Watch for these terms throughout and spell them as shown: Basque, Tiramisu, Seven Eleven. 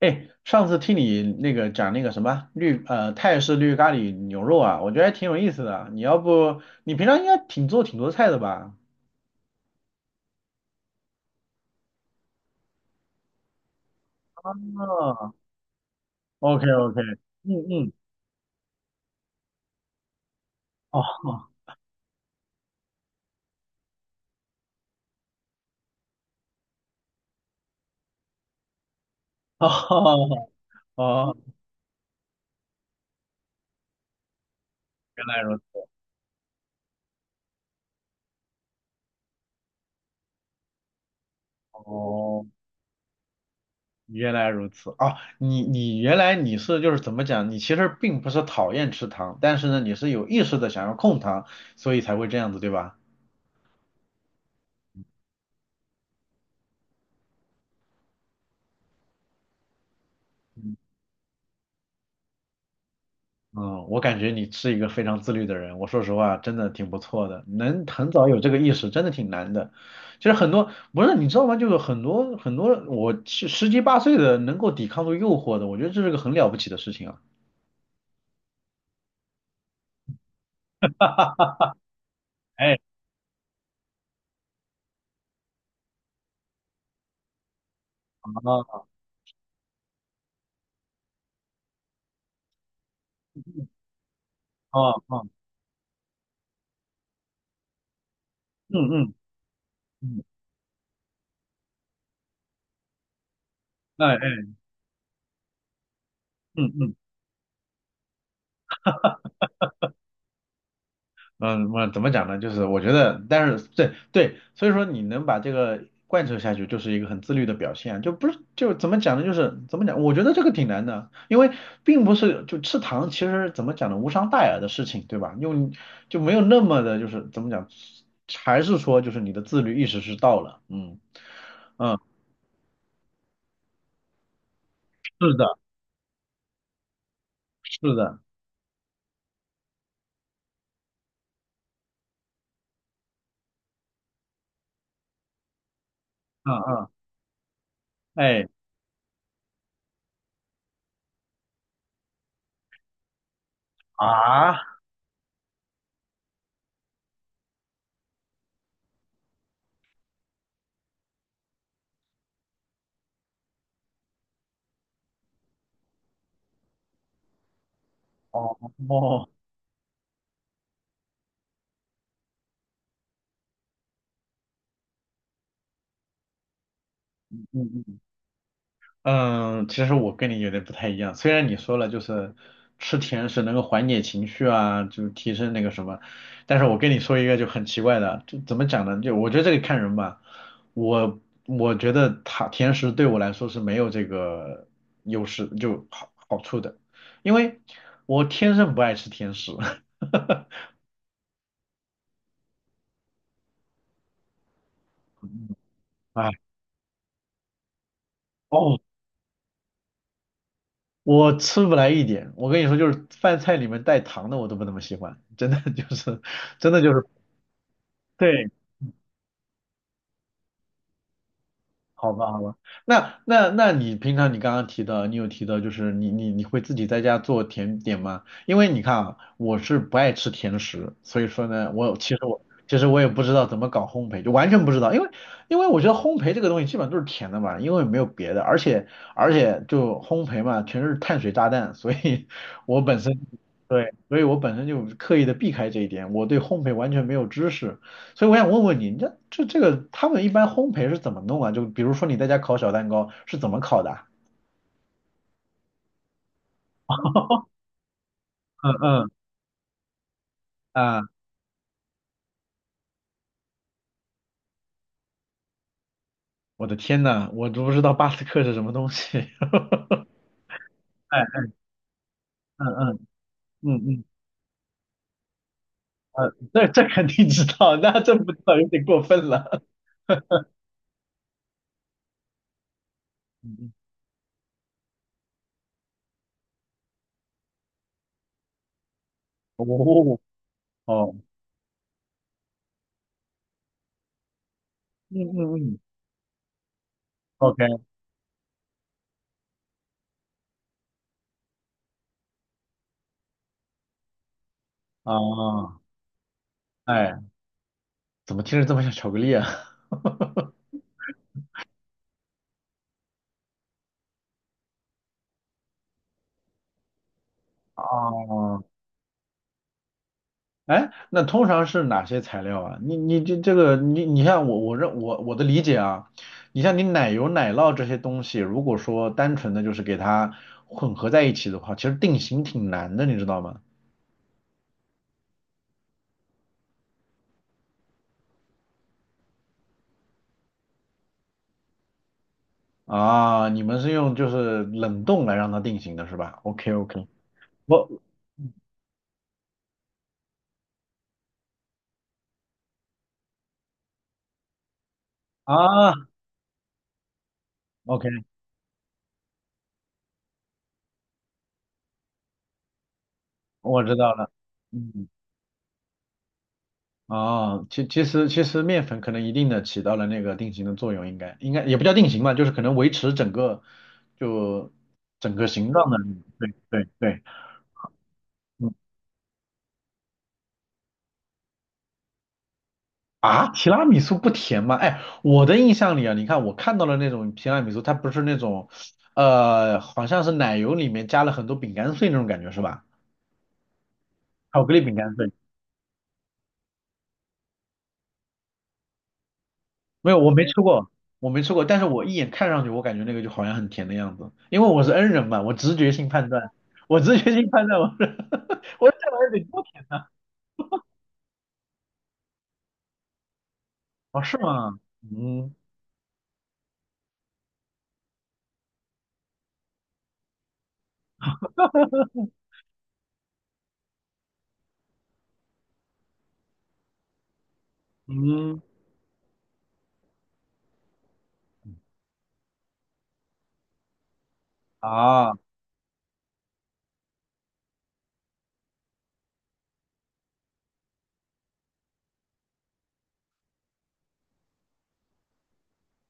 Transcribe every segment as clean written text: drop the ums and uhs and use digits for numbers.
哎，上次听你那个讲那个什么泰式绿咖喱牛肉啊，我觉得还挺有意思的。你要不你平常应该挺做挺多菜的吧？哦，OK OK，嗯嗯，哦哦哦，原来如此，哦，原来如此哦，你原来你是就是怎么讲？你其实并不是讨厌吃糖，但是呢，你是有意识的想要控糖，所以才会这样子，对吧？嗯嗯，我感觉你是一个非常自律的人，我说实话，真的挺不错的，能很早有这个意识，真的挺难的。其实很多不是你知道吗？就是很多很多，我十七八岁的能够抵抗住诱惑的，我觉得这是个很了不起的事情啊。哎，啊啊啊，嗯嗯嗯，哎哎，嗯嗯。嗯，我怎么讲呢？就是我觉得，但是对对，所以说你能把这个贯彻下去，就是一个很自律的表现啊，就不是就怎么讲呢？就是怎么讲？我觉得这个挺难的，因为并不是就吃糖，其实怎么讲呢？无伤大雅的事情，对吧？用就没有那么的，就是怎么讲，还是说就是你的自律意识是到了，嗯，是的，是的，嗯嗯，哎啊，哦哦。嗯，其实我跟你有点不太一样。虽然你说了就是吃甜食能够缓解情绪啊，就是提升那个什么，但是我跟你说一个就很奇怪的，就怎么讲呢？就我觉得这个看人吧。我我觉得他甜食对我来说是没有这个优势就好处的，因为我天生不爱吃甜食。哎，哦，我吃不来一点，我跟你说，就是饭菜里面带糖的我都不那么喜欢，真的就是，真的就是，对，好吧，好吧，那你平常你刚刚提到，你有提到就是你会自己在家做甜点吗？因为你看啊，我是不爱吃甜食，所以说呢，我其实我其实我也不知道怎么搞烘焙，就完全不知道，因为我觉得烘焙这个东西基本上都是甜的嘛，因为没有别的，而且就烘焙嘛，全是碳水炸弹，所以我本身对，所以我本身就刻意的避开这一点，我对烘焙完全没有知识。所以我想问问你，你这个他们一般烘焙是怎么弄啊？就比如说你在家烤小蛋糕是怎么烤的啊嗯嗯啊，我的天呐，我都不知道巴斯克是什么东西。哎，嗯嗯嗯嗯，呃，这这肯定知道，那这不知道有点过分了。嗯嗯，哦哦，嗯嗯嗯，OK 啊，哎，怎么听着这么像巧克力啊？啊。哎，那通常是哪些材料啊？你这这个你你像我我认我我的理解啊，你像你奶油奶酪这些东西，如果说单纯的就是给它混合在一起的话，其实定型挺难的，你知道吗？啊，你们是用就是冷冻来让它定型的是吧？OK OK，我啊 OK，我知道了，嗯哦，其实面粉可能一定的起到了那个定型的作用，应该也不叫定型吧，就是可能维持整个就整个形状的。对对对，嗯啊，提拉米苏不甜吗？哎，我的印象里啊，你看我看到了那种提拉米苏，它不是那种呃，好像是奶油里面加了很多饼干碎那种感觉是吧？巧克力饼干碎。没有，我没吃过，我没吃过，但是我一眼看上去，我感觉那个就好像很甜的样子，因为我是 N 人嘛，我直觉性判断，我直觉性判断，我是 我这玩意儿得多甜哦，是吗？嗯嗯啊，嗯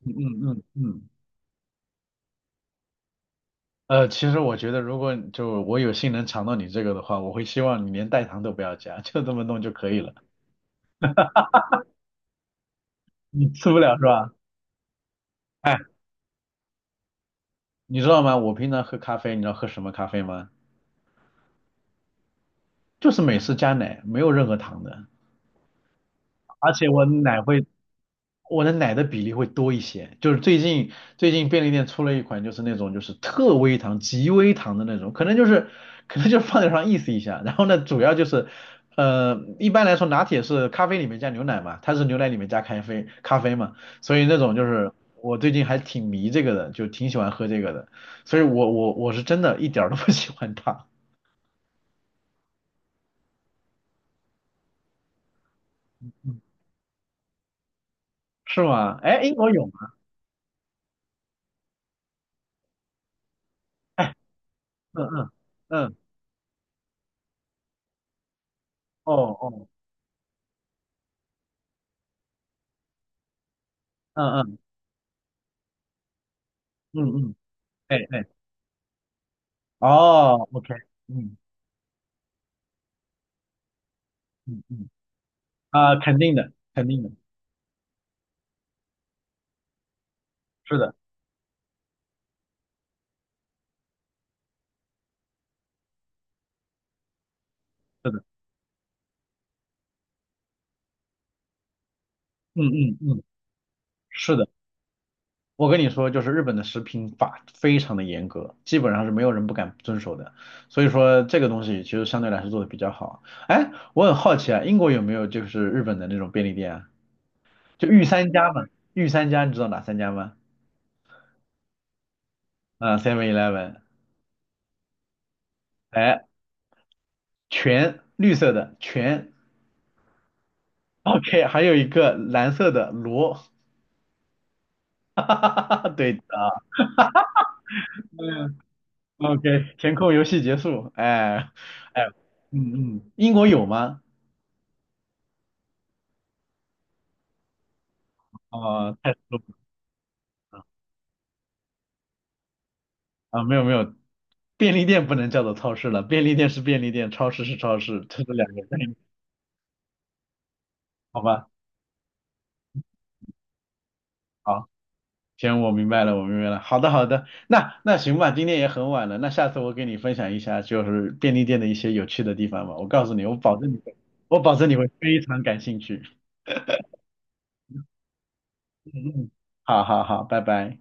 嗯嗯嗯，呃，其实我觉得，如果就我有幸能尝到你这个的话，我会希望你连代糖都不要加，就这么弄就可以了。你吃不了是吧？哎，你知道吗？我平常喝咖啡，你知道喝什么咖啡吗？就是美式加奶，没有任何糖的。而且我奶会，我的奶的比例会多一些。就是最近便利店出了一款，就是那种就是特微糖、极微糖的那种，可能就是放点上意思一下。然后呢，主要就是呃，一般来说拿铁是咖啡里面加牛奶嘛，它是牛奶里面加咖啡嘛，所以那种就是我最近还挺迷这个的，就挺喜欢喝这个的。所以我是真的一点儿都不喜欢它，嗯是吗？哎，英国有吗？哎，嗯嗯嗯，哦哦，嗯嗯嗯嗯。哎哎，哦，OK，嗯嗯嗯，啊、肯定的，肯定的，是的，是的，嗯嗯嗯，是的。我跟你说，就是日本的食品法非常的严格，基本上是没有人不敢遵守的。所以说这个东西其实相对来说做的比较好。哎，我很好奇啊，英国有没有就是日本的那种便利店啊？就御三家嘛，御三家你知道哪三家吗？啊，Seven Eleven，哎，全绿色的全，OK，还有一个蓝色的罗，哈哈哈哈，对的。OK，填空游戏结束。哎，哎，嗯嗯，英国有吗？啊、太 s l 啊，没有没有，便利店不能叫做超市了，便利店是便利店，超市是超市，这是两个概念，好吧？好，行，我明白了，我明白了。好的好的，那那行吧，今天也很晚了，那下次我给你分享一下就是便利店的一些有趣的地方吧。我告诉你，我保证你会，我保证你会非常感兴趣。嗯嗯，嗯好好好，拜拜。